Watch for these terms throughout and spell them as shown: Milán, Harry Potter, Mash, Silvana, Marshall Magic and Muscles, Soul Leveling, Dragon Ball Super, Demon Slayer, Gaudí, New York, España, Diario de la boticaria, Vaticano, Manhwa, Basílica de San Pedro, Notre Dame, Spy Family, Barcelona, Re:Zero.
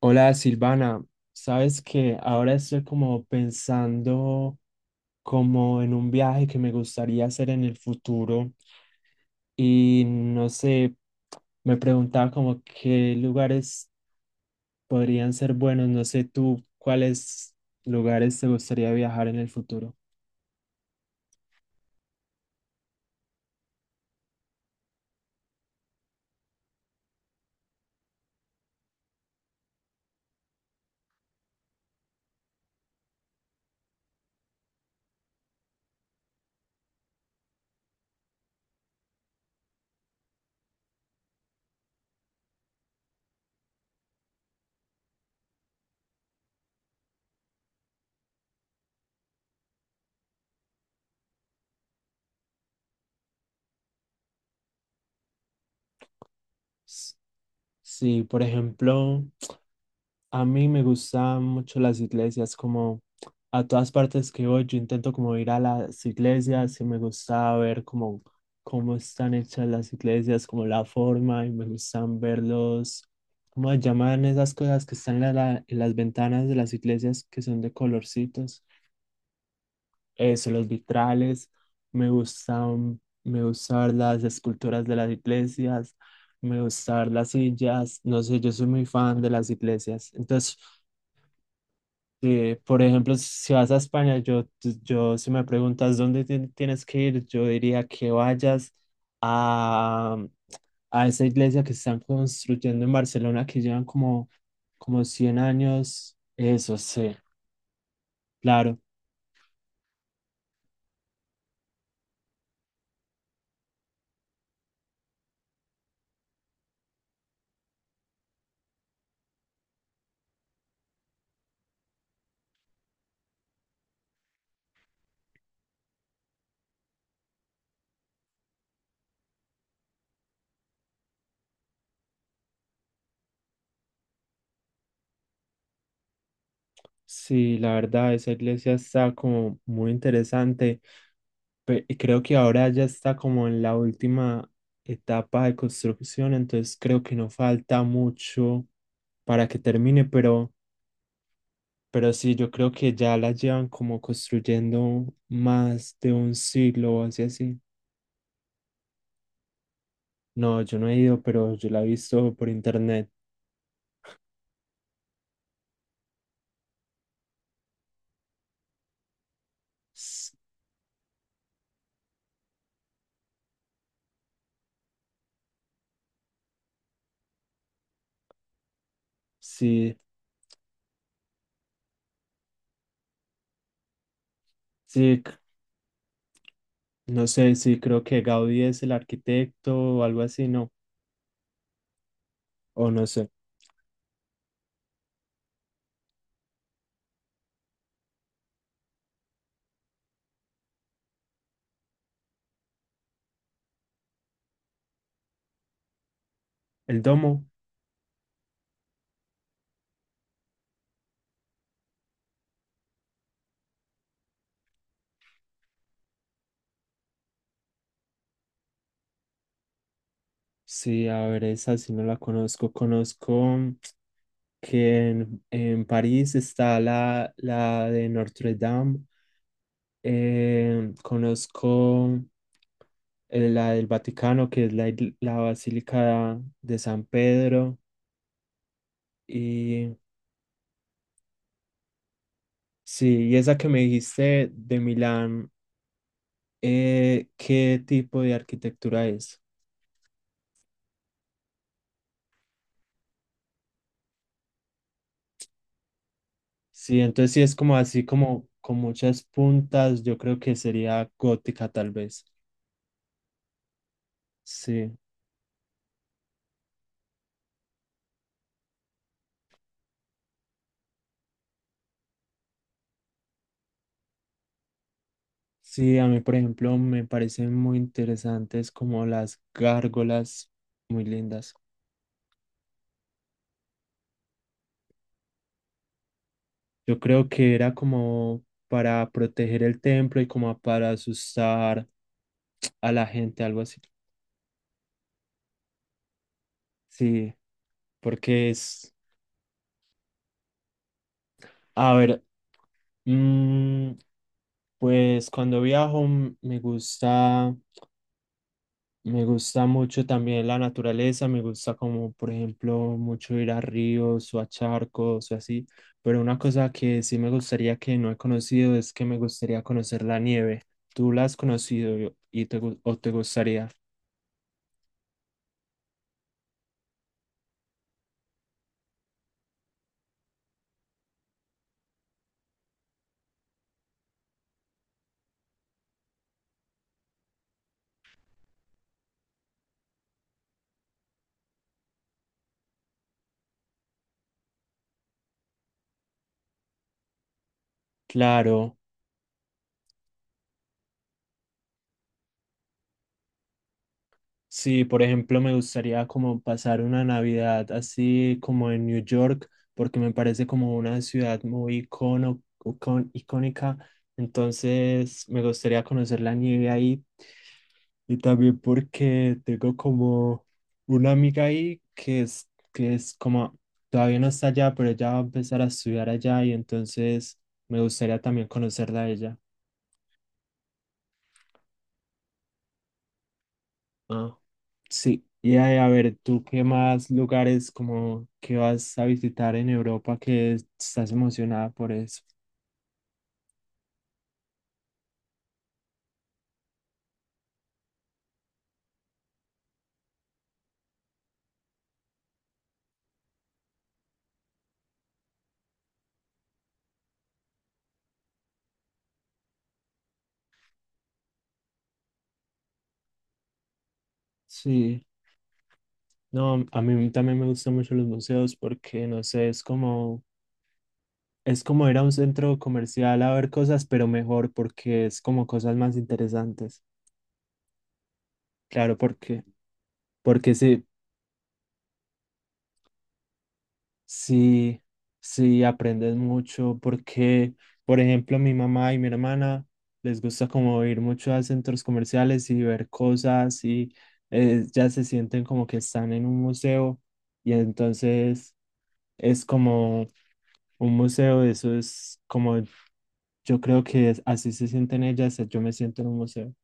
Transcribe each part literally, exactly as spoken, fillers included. Hola Silvana, sabes que ahora estoy como pensando como en un viaje que me gustaría hacer en el futuro y no sé, me preguntaba como qué lugares podrían ser buenos, no sé tú cuáles lugares te gustaría viajar en el futuro. S- Sí, por ejemplo, a mí me gustan mucho las iglesias, como a todas partes que voy, yo intento como ir a las iglesias y me gusta ver como cómo están hechas las iglesias, como la forma y me gustan verlos, cómo se llaman esas cosas que están en, la- la- en las ventanas de las iglesias que son de colorcitos, eso, los vitrales, me gustan, me gusta ver las esculturas de las iglesias, me gusta ver las sillas, no sé, yo soy muy fan de las iglesias, entonces... Sí, por ejemplo, si vas a España, yo, yo si me preguntas dónde ti- tienes que ir, yo diría que vayas a, a esa iglesia que están construyendo en Barcelona, que llevan como, como cien años. Eso sí, claro. Sí, la verdad, esa iglesia está como muy interesante. pe- y Creo que ahora ya está como en la última etapa de construcción, entonces creo que no falta mucho para que termine, pero... Pero sí, yo creo que ya la llevan como construyendo más de un siglo o así así. No, yo no he ido, pero yo la he visto por internet. S- Sí, sí, c- no sé, sí, creo que Gaudí es el arquitecto o algo así, no, o no sé. El Domo, sí, a ver, esa sí no la conozco. Conozco que en, en París está la, la de Notre Dame. Eh, conozco. Eh, la del Vaticano, que es la, il- la Basílica de San Pedro. Y sí, y esa que me dijiste de Milán, eh, ¿qué tipo de arquitectura es? Sí, entonces sí es como así como con muchas puntas, yo creo que sería gótica tal vez. Sí. Sí, a mí, por ejemplo, me parecen muy interesantes como las gárgolas, muy lindas. Yo creo que era como para proteger el templo y como para asustar a la gente, algo así. Sí, porque es, a ver, mm, pues cuando viajo, mm, me gusta, me gusta mucho también la naturaleza, me gusta como, por ejemplo, mucho ir a ríos o a charcos o así, pero una cosa que sí me gustaría que no he conocido es que me gustaría conocer la nieve. ¿Tú la has conocido y te, gu- o te gustaría? Claro. Sí, por ejemplo, me gustaría como pasar una Navidad así como en New York, porque me parece como una ciudad muy icono, icon- icónica. Entonces, me gustaría conocer la nieve ahí y también porque tengo como una amiga ahí que es, que es como, todavía no está allá, pero ella va a empezar a estudiar allá y entonces me gustaría también conocerla a ella. Ah. Sí, y a, a ver, ¿tú qué más lugares como que vas a visitar en Europa que estás emocionada por eso? Sí, no, a mí también me gustan mucho los museos porque, no sé, es como, es como ir a un centro comercial a ver cosas, pero mejor porque es como cosas más interesantes. Claro, porque, porque sí, sí, sí, aprendes mucho porque, por ejemplo, mi mamá y mi hermana les gusta como ir mucho a centros comerciales y ver cosas y eh, ya se sienten como que están en un museo y entonces es como un museo, eso es como yo creo que es- así se sienten ellas, yo me siento en un museo.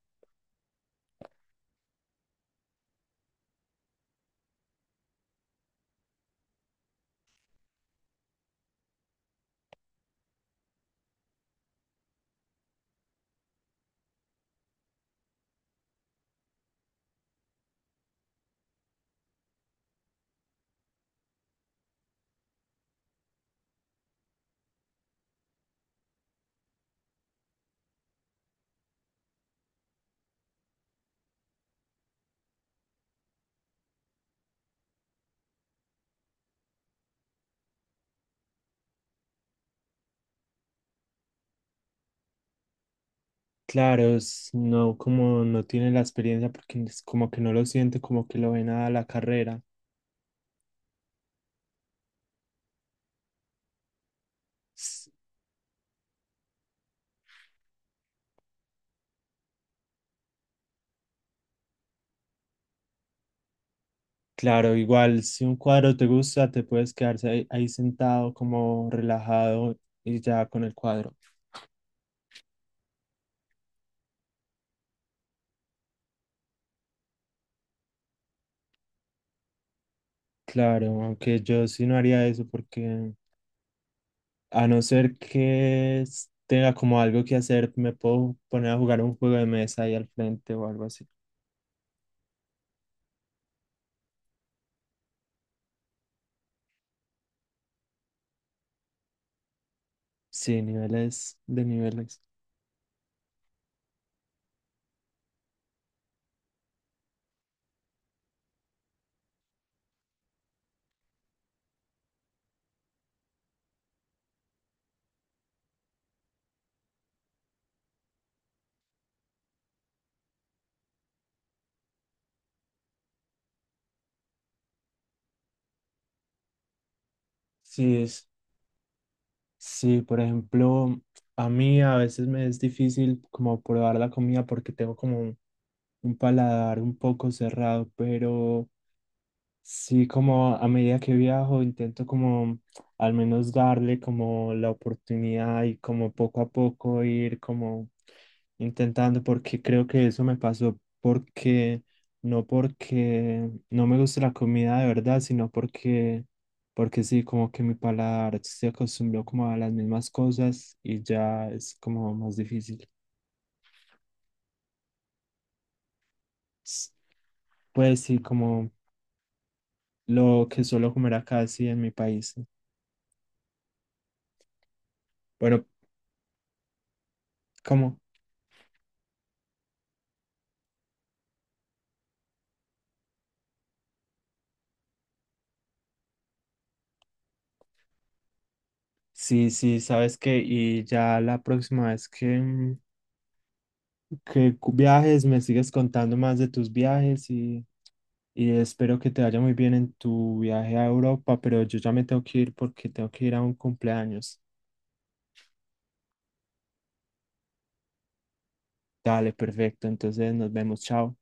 Claro, es- no como no tienen la experiencia porque es como que no lo sienten, como que lo ven a la carrera. Claro, igual si un cuadro te gusta, te puedes quedarse ahí, ahí sentado como relajado y ya con el cuadro. Claro, aunque yo sí no haría eso porque a no ser que s- tenga como algo que hacer, me puedo poner a jugar un juego de mesa ahí al frente o algo así. Sí, niveles de niveles. Sí, es, sí, por ejemplo, a mí a veces me es difícil como probar la comida porque tengo como un un paladar un poco cerrado, pero... Sí, como a medida que viajo, intento como al menos darle como la oportunidad y como poco a poco ir como intentando, porque creo que eso me pasó porque no porque no me gusta la comida de verdad, sino porque porque sí, como que mi paladar se acostumbró como a las mismas cosas y ya es como más difícil. S- Pues sí, como lo que suelo comer acá, sí, en mi país. Bueno, ¿cómo? Sí, sí, sabes que y ya la próxima vez que, mm, que cu- viajes me sigues contando más de tus viajes y, y espero que te vaya muy bien en tu viaje a Europa, pero yo ya me tengo que ir porque tengo que ir a un cumpleaños. Dale, perfecto, entonces nos vemos, chao.